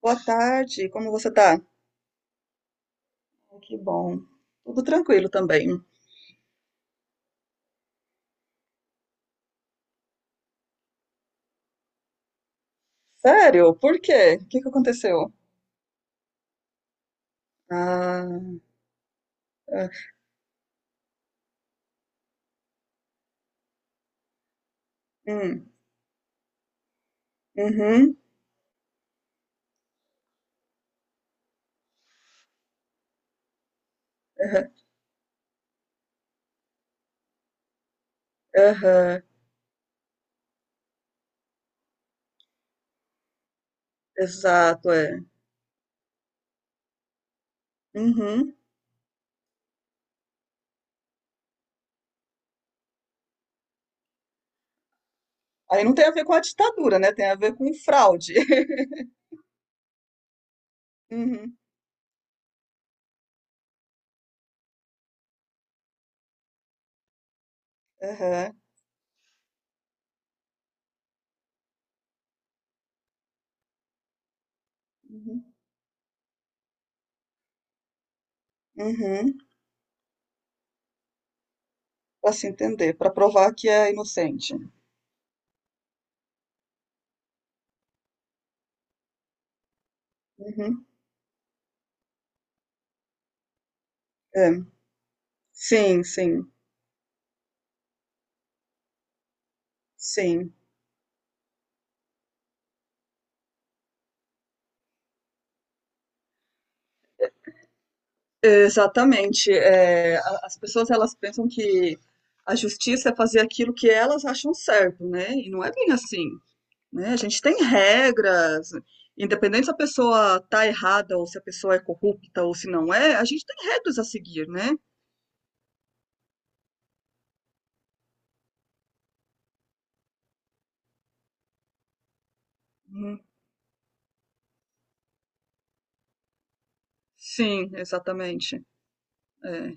Boa tarde, como você tá? Ah, que bom. Tudo tranquilo também. Sério? Por quê? O que que aconteceu? Ah, ah, hum, uhum, aham, aham, exato, é. Uhum. Aí não tem a ver com a ditadura, né? Tem a ver com fraude. Uhum, aham, uhum, uhum. Para se entender, para provar que é inocente. Uhum, é. Sim, sim, sim. Exatamente. As pessoas elas pensam que a justiça é fazer aquilo que elas acham certo, né? E não é bem assim, né? A gente tem regras, independente se a pessoa tá errada ou se a pessoa é corrupta ou se não é, a gente tem regras a seguir, né? Uhum. Sim, exatamente. É.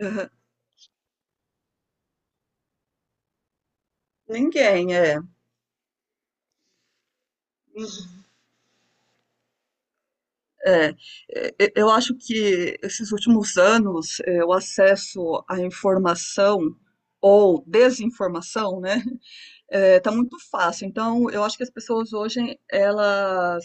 Uhum. Ninguém é. É. É, eu acho que esses últimos anos, é, o acesso à informação ou desinformação, né? É, tá muito fácil. Então, eu acho que as pessoas hoje,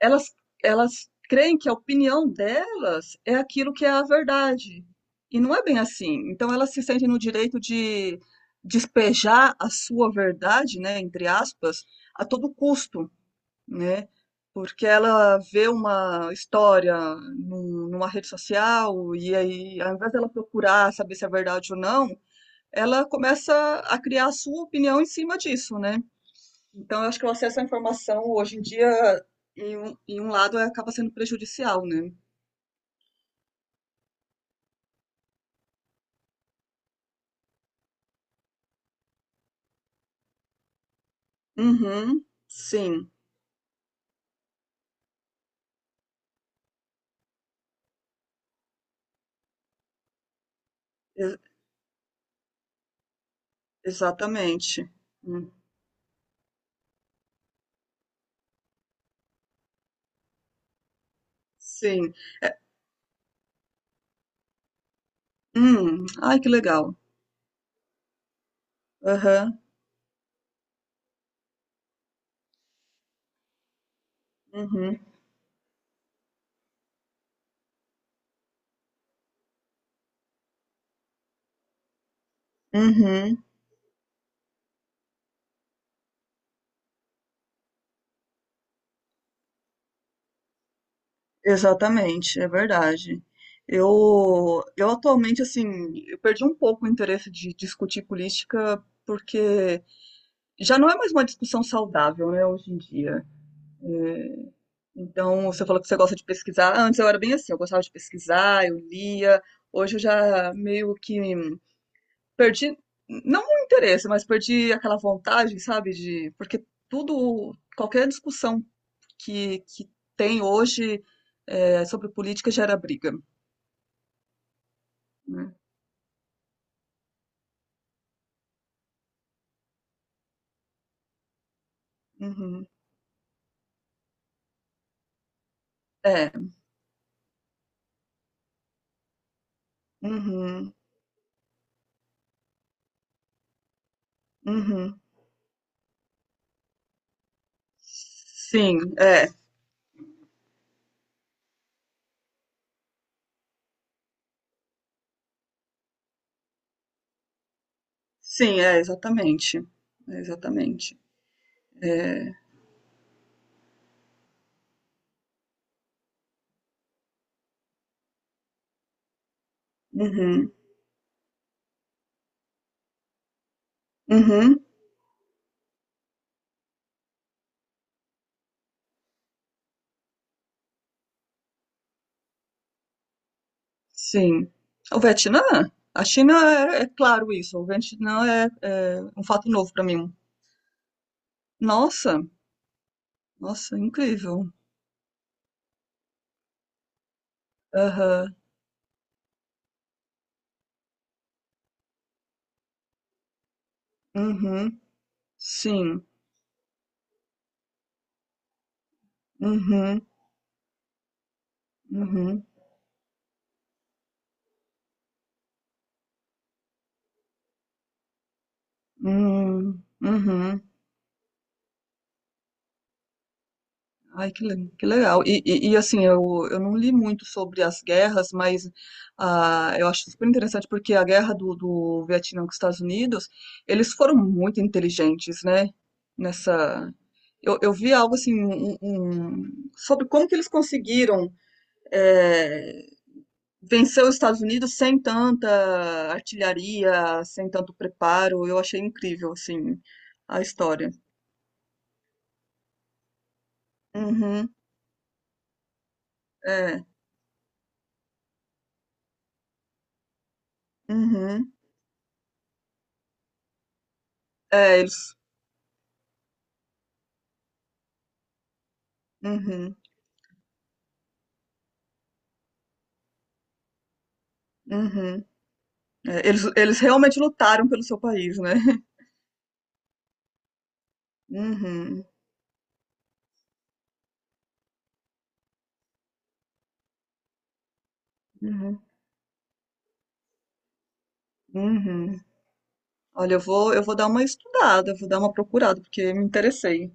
elas, elas creem que a opinião delas é aquilo que é a verdade. E não é bem assim. Então, elas se sentem no direito de despejar a sua verdade, né, entre aspas, a todo custo, né? Porque ela vê uma história numa rede social e aí, ao invés dela procurar saber se é verdade ou não, ela começa a criar a sua opinião em cima disso, né? Então, eu acho que o acesso à informação hoje em dia, em um lado, acaba sendo prejudicial, né? Uhum, sim, ex- exatamente. Hum, Sim. Ai, que legal. Aham, uhum, uhum, exatamente, é verdade. Eu atualmente, assim, eu perdi um pouco o interesse de discutir política porque já não é mais uma discussão saudável, né, hoje em dia. É, então, você falou que você gosta de pesquisar. Antes eu era bem assim, eu gostava de pesquisar, eu lia. Hoje eu já meio que perdi, não o interesse, mas perdi aquela vontade, sabe? De, porque tudo, qualquer discussão que tem hoje é, sobre política gera briga, né? Uhum. É, uhum, uhum. Sim, é, sim, é, exatamente. É, exatamente. Uhum, uhum. Sim. O Vietnã? A China é, é claro isso. O Vietnã é, é um fato novo para mim. Nossa, nossa, incrível. Aham. Uhum. Sim. Uhum. Uhum. Hum. Uhum. Ai, que, que legal. E, e, assim, eu não li muito sobre as guerras, mas ah, eu acho super interessante porque a guerra do, do Vietnã com os Estados Unidos, eles foram muito inteligentes, né? Nessa. Eu vi algo assim, um sobre como que eles conseguiram eh, vencer os Estados Unidos sem tanta artilharia, sem tanto preparo. Eu achei incrível, assim, a história. Uhum, é, uhum, é, eles. Uhum. Uhum. É, eles realmente lutaram pelo seu país, né? Uhum, uhum, uhum. Olha, eu vou dar uma estudada, vou dar uma procurada, porque me interessei.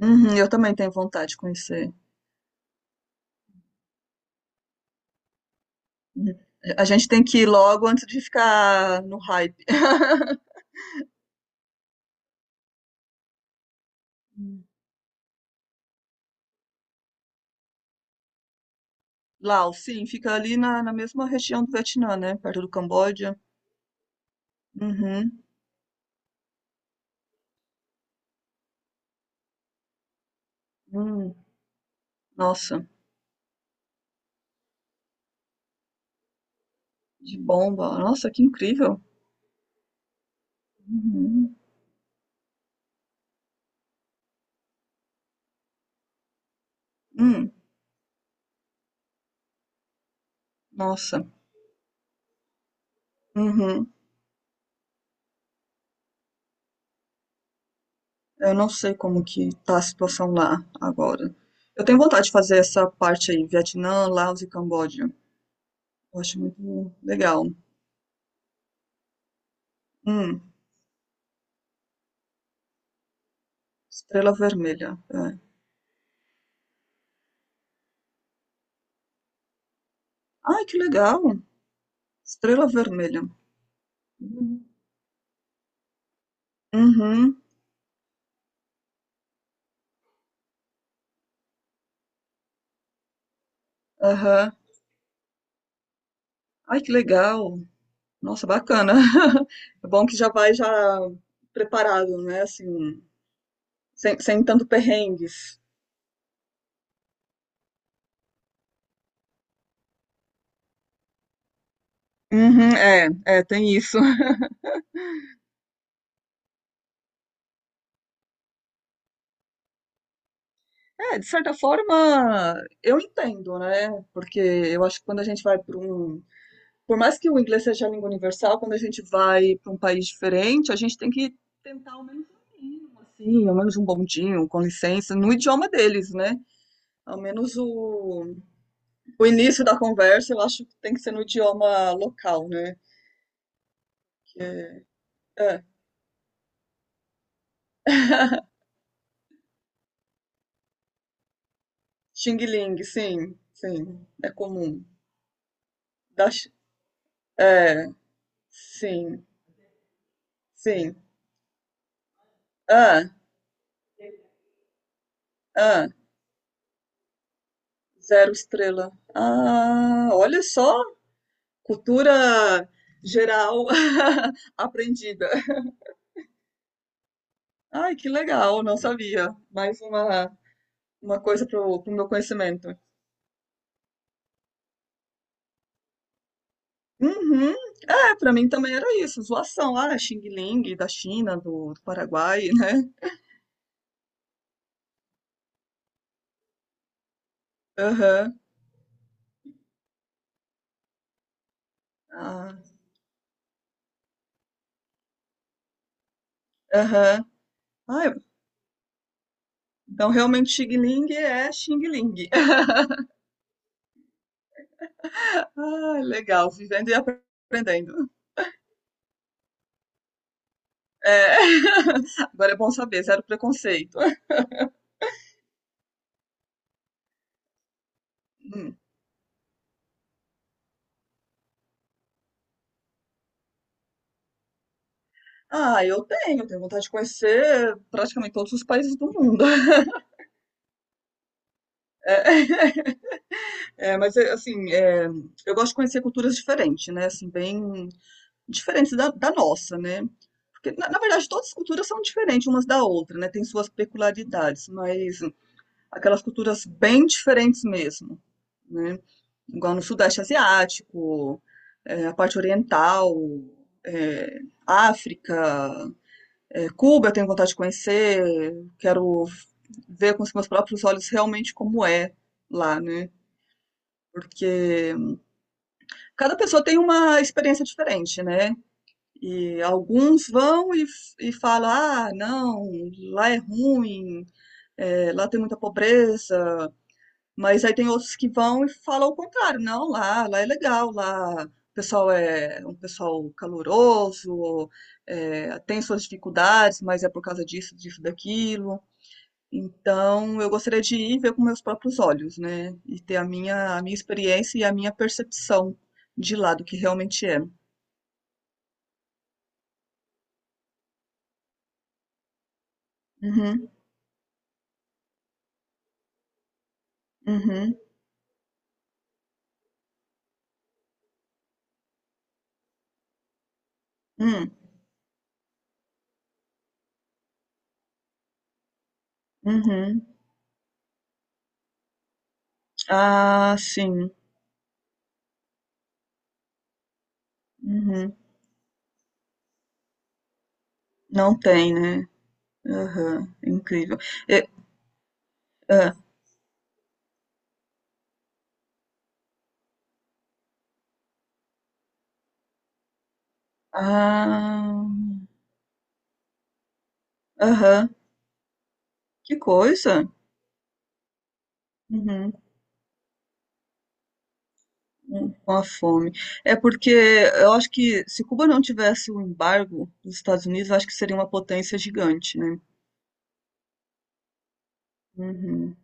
Uhum, eu também tenho vontade de conhecer. Uhum. A gente tem que ir logo antes de ficar no hype. Hum. Laos, sim, fica ali na, na mesma região do Vietnã, né? Perto do Camboja. Uhum. Hum. Nossa, de bomba. Nossa, que incrível. Uhum. Hum. Nossa. Uhum. Eu não sei como que tá a situação lá agora. Eu tenho vontade de fazer essa parte aí, Vietnã, Laos e Camboja. Eu acho muito legal. Hum, Estrela Vermelha. É. Ai, que legal! Estrela Vermelha. Uhum, uhum, aham. Ai, que legal! Nossa, bacana. É bom que já vai já preparado, né? Assim, sem, sem tanto perrengues. Uhum, é, é, tem isso. É, de certa forma, eu entendo, né? Porque eu acho que quando a gente vai para um. Por mais que o inglês seja a língua universal, quando a gente vai para um país diferente, a gente tem que tentar ao menos um mínimo, assim, ao menos um bondinho, com licença, no idioma deles, né? Ao menos o início da conversa, eu acho que tem que ser no idioma local, né? Que é, é. Xing Ling, sim, sim, é comum. Da, é, sim, sim. Ah, ah. Zero estrela. Ah, olha só, cultura geral aprendida. Ai, que legal, não sabia. Mais uma coisa pro, pro meu conhecimento. Uhum. É, pra mim também era isso, zoação lá, Xing Ling, da China, do, do Paraguai, né? Aham. Ah, aham. Ah, então realmente Xing Ling é Xing Ling. Ah, legal, vivendo e aprendendo. É. Agora é bom saber, zero preconceito. Ah, eu tenho, tenho vontade de conhecer praticamente todos os países do mundo. É, é, mas é, assim, é, eu gosto de conhecer culturas diferentes, né? Assim, bem diferentes da, da nossa, né? Porque, na, na verdade, todas as culturas são diferentes umas da outra, né? Tem suas peculiaridades, mas aquelas culturas bem diferentes mesmo, né? Igual no Sudeste Asiático, é, a parte oriental, é, África, é, Cuba eu tenho vontade de conhecer, quero ver com os meus próprios olhos realmente como é lá, né? Porque cada pessoa tem uma experiência diferente, né? E alguns vão e falam, ah, não, lá é ruim, é, lá tem muita pobreza. Mas aí tem outros que vão e falam o contrário, não, lá, lá é legal, lá o pessoal é um pessoal caloroso, é, tem suas dificuldades, mas é por causa disso, disso, daquilo. Então, eu gostaria de ir ver com meus próprios olhos, né, e ter a minha experiência e a minha percepção de lá, do que realmente é. Uhum, uhum, hum, uhum. Ah, sim. Uhum. Não tem, né. Aham, incrível. E hã. Ah. Aham. Que coisa. Uhum. Com a fome. É porque eu acho que se Cuba não tivesse o embargo dos Estados Unidos, eu acho que seria uma potência gigante, né. Uhum.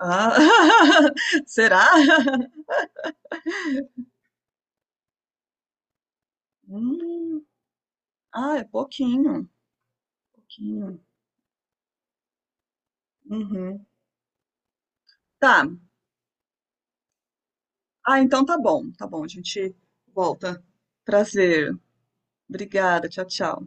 Ah, será? Hum, ah, é pouquinho, pouquinho. Uhum. Tá. Ah, então tá bom, a gente volta. Prazer. Obrigada, tchau, tchau.